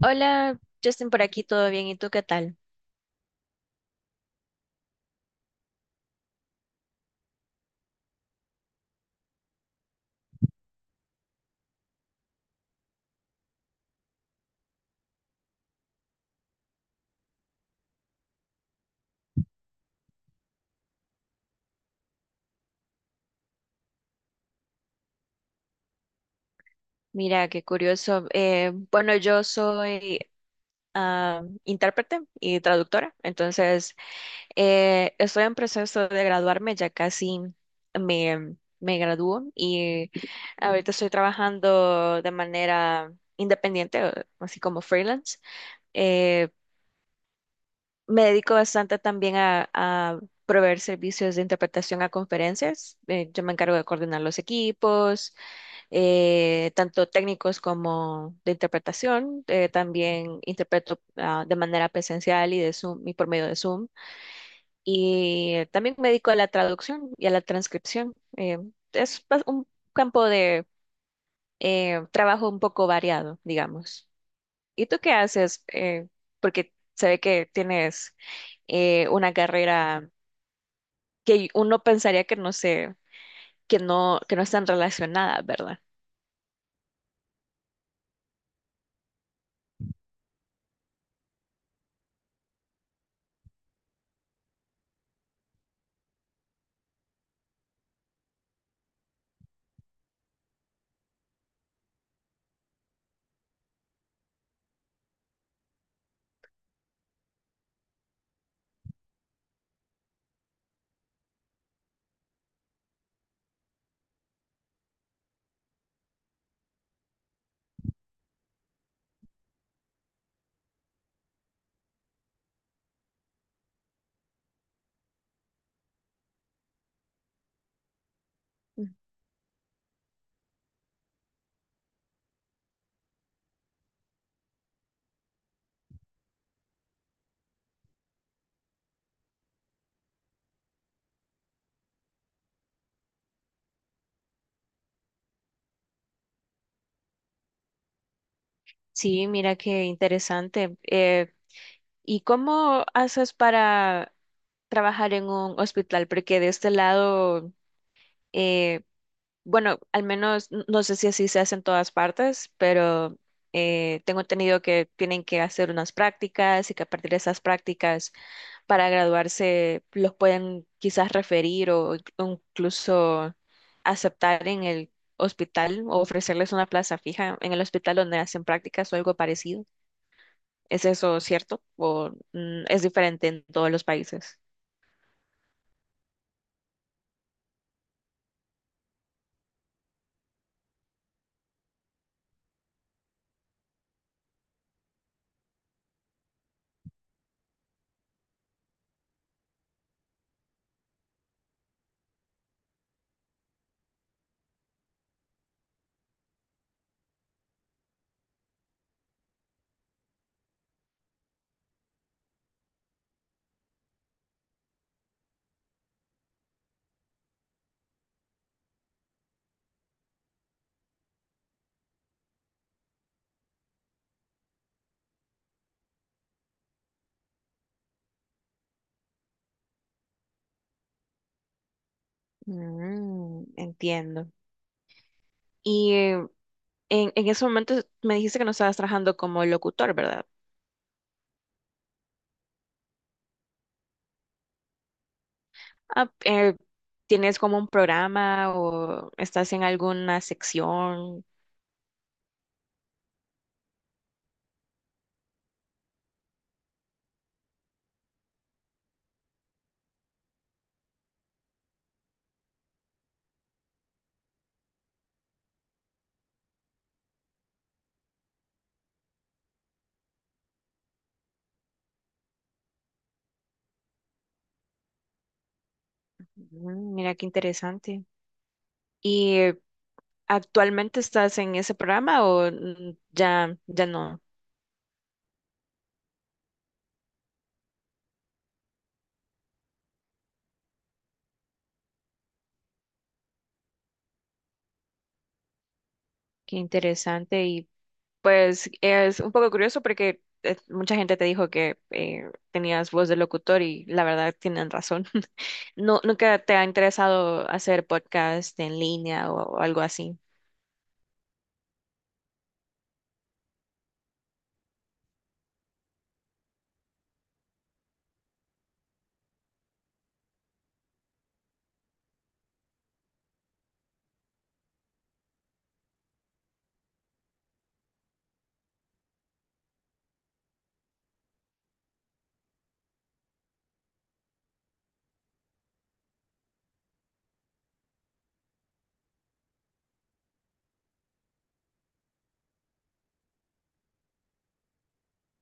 Hola, Justin, por aquí, ¿todo bien? ¿Y tú qué tal? Mira, qué curioso. Bueno, yo soy intérprete y traductora. Estoy en proceso de graduarme, ya casi me gradúo, y ahorita estoy trabajando de manera independiente, así como freelance. Eh, Me dedico bastante también a proveer servicios de interpretación a conferencias. Yo me encargo de coordinar los equipos, tanto técnicos como de interpretación. También interpreto de manera presencial y de Zoom, y por medio de Zoom. Y también me dedico a la traducción y a la transcripción. Un campo de trabajo un poco variado, digamos. ¿Y tú qué haces? Porque se ve que tienes una carrera que uno pensaría que no sé, que no están relacionadas, ¿verdad? Sí, mira qué interesante. Y cómo haces para trabajar en un hospital? Porque de este lado, eh, bueno, al menos no sé si así se hace en todas partes, pero tengo entendido que tienen que hacer unas prácticas, y que a partir de esas prácticas para graduarse los pueden quizás referir o o incluso aceptar en el hospital o ofrecerles una plaza fija en el hospital donde hacen prácticas o algo parecido. ¿Es eso cierto? ¿O es diferente en todos los países? Mm, entiendo. Y en ese momento me dijiste que no estabas trabajando como locutor, ¿verdad? Ah, ¿tienes como un programa o estás en alguna sección? Mm, mira qué interesante. ¿Y eh, Actualmente estás en ese programa o ya no? Qué interesante. Pues es un poco curioso porque mucha gente te dijo que tenías voz de locutor, y la verdad tienen razón. No, ¿nunca te ha interesado hacer podcast en línea o algo así?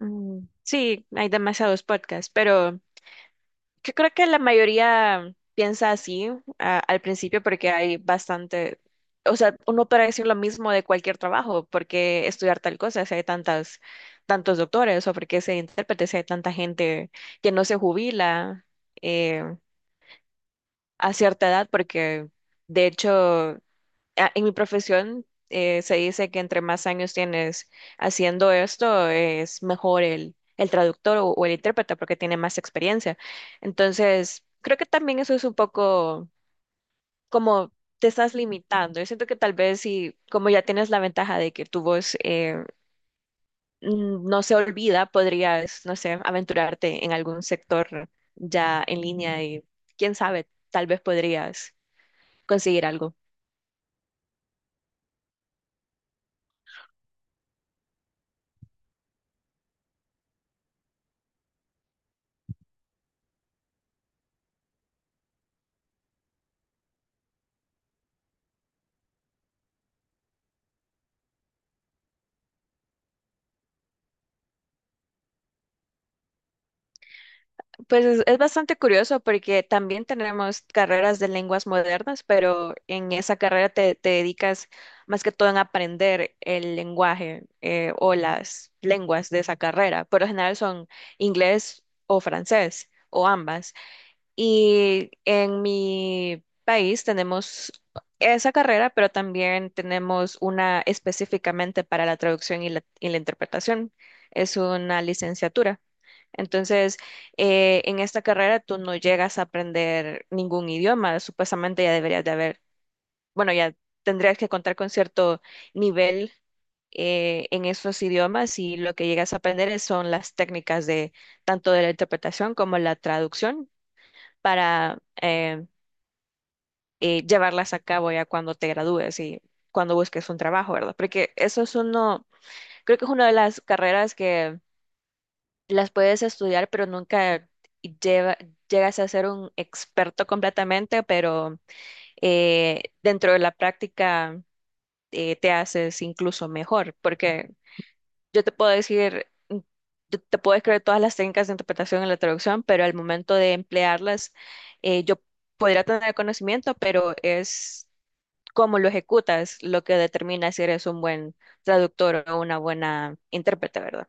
Mm, sí, hay demasiados podcasts, pero yo creo que la mayoría piensa así al principio porque hay bastante. O sea, uno puede decir lo mismo de cualquier trabajo, porque estudiar tal cosa si hay tantos doctores, o porque ser intérprete si hay tanta gente que no se jubila eh, a cierta edad. Porque de hecho en mi profesión se dice que entre más años tienes haciendo esto, es mejor el traductor o el intérprete porque tiene más experiencia. Entonces, creo que también eso es un poco como te estás limitando. Yo siento que tal vez si, como ya tienes la ventaja de que tu voz, no se olvida, podrías, no sé, aventurarte en algún sector ya en línea, y quién sabe, tal vez podrías conseguir algo. Pues es bastante curioso porque también tenemos carreras de lenguas modernas, pero en esa carrera te dedicas más que todo en aprender el lenguaje, o las lenguas de esa carrera. Por lo general son inglés o francés o ambas. Y en mi país tenemos esa carrera, pero también tenemos una específicamente para la traducción y y la interpretación. Es una licenciatura. Entonces, en esta carrera tú no llegas a aprender ningún idioma, supuestamente ya deberías de haber, bueno, ya tendrías que contar con cierto nivel en esos idiomas, y lo que llegas a aprender son las técnicas de tanto de la interpretación como la traducción para llevarlas a cabo ya cuando te gradúes y cuando busques un trabajo, ¿verdad? Porque eso es uno, creo que es una de las carreras que las puedes estudiar, pero nunca lleva- llegas a ser un experto completamente, pero dentro de la práctica te haces incluso mejor. Porque yo te puedo decir, mm, yo te puedo escribir todas las técnicas de interpretación en la traducción, pero al momento de emplearlas, yo podría tener conocimiento, pero es cómo lo ejecutas lo que determina si eres un buen traductor o una buena intérprete, ¿verdad?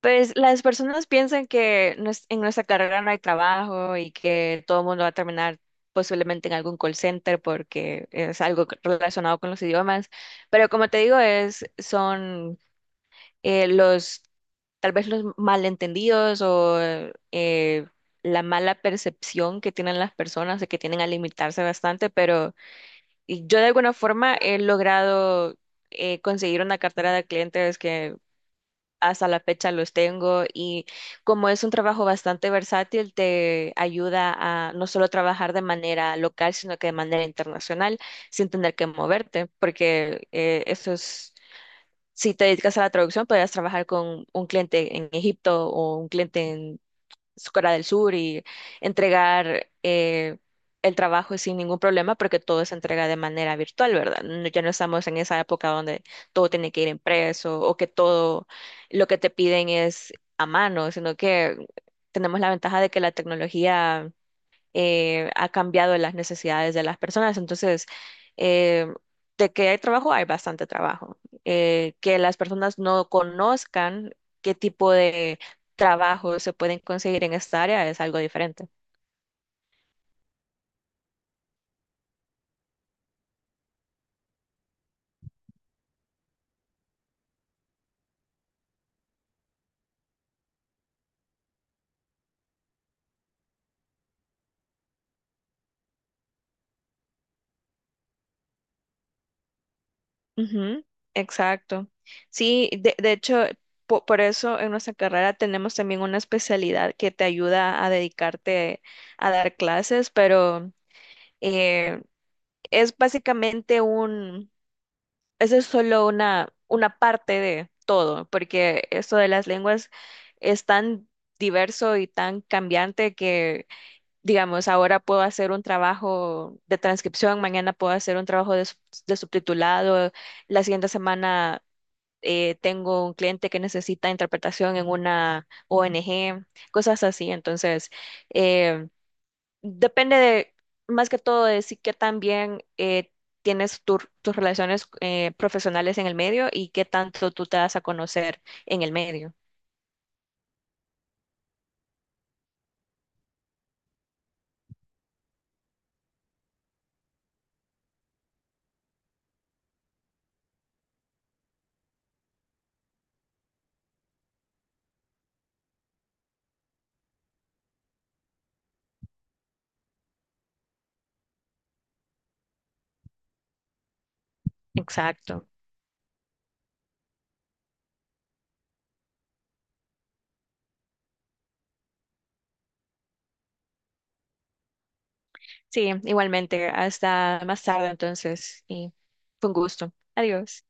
Pues las personas piensan que en nuestra carrera no hay trabajo, y que todo el mundo va a terminar posiblemente en algún call center porque es algo relacionado con los idiomas. Pero como te digo, son eh, los, tal vez los malentendidos o eh, la mala percepción que tienen las personas, de que tienen a limitarse bastante. Pero y yo de alguna forma he logrado conseguir una cartera de clientes que hasta la fecha los tengo. Y como es un trabajo bastante versátil, te ayuda a no solo trabajar de manera local, sino que de manera internacional, sin tener que moverte. Porque eso es, si te dedicas a la traducción, podrías trabajar con un cliente en Egipto o un cliente en Corea del Sur, y entregar el trabajo sin ningún problema, porque todo se entrega de manera virtual, ¿verdad? No, ya no estamos en esa época donde todo tiene que ir impreso, o que todo lo que te piden es a mano, sino que tenemos la ventaja de que la tecnología ha cambiado las necesidades de las personas. Entonces, eh, de que hay trabajo, hay bastante trabajo. Que las personas no conozcan qué tipo de trabajo se pueden conseguir en esta área es algo diferente. Ujú, exacto. Sí, de hecho, por eso en nuestra carrera tenemos también una especialidad que te ayuda a dedicarte a dar clases. Pero eh, es básicamente un, eso es solo una parte de todo, porque esto de las lenguas es tan diverso y tan cambiante que, digamos, ahora puedo hacer un trabajo de transcripción, mañana puedo hacer un trabajo de, de subtitulado, la siguiente semana tengo un cliente que necesita interpretación en una ONG, cosas así. Entonces, eh, depende de, más que todo, de si qué tan bien tienes tus relaciones profesionales en el medio, y qué tanto tú te das a conocer en el medio. Exacto. Sí, igualmente. Hasta más tarde entonces. Y fue un gusto. Adiós.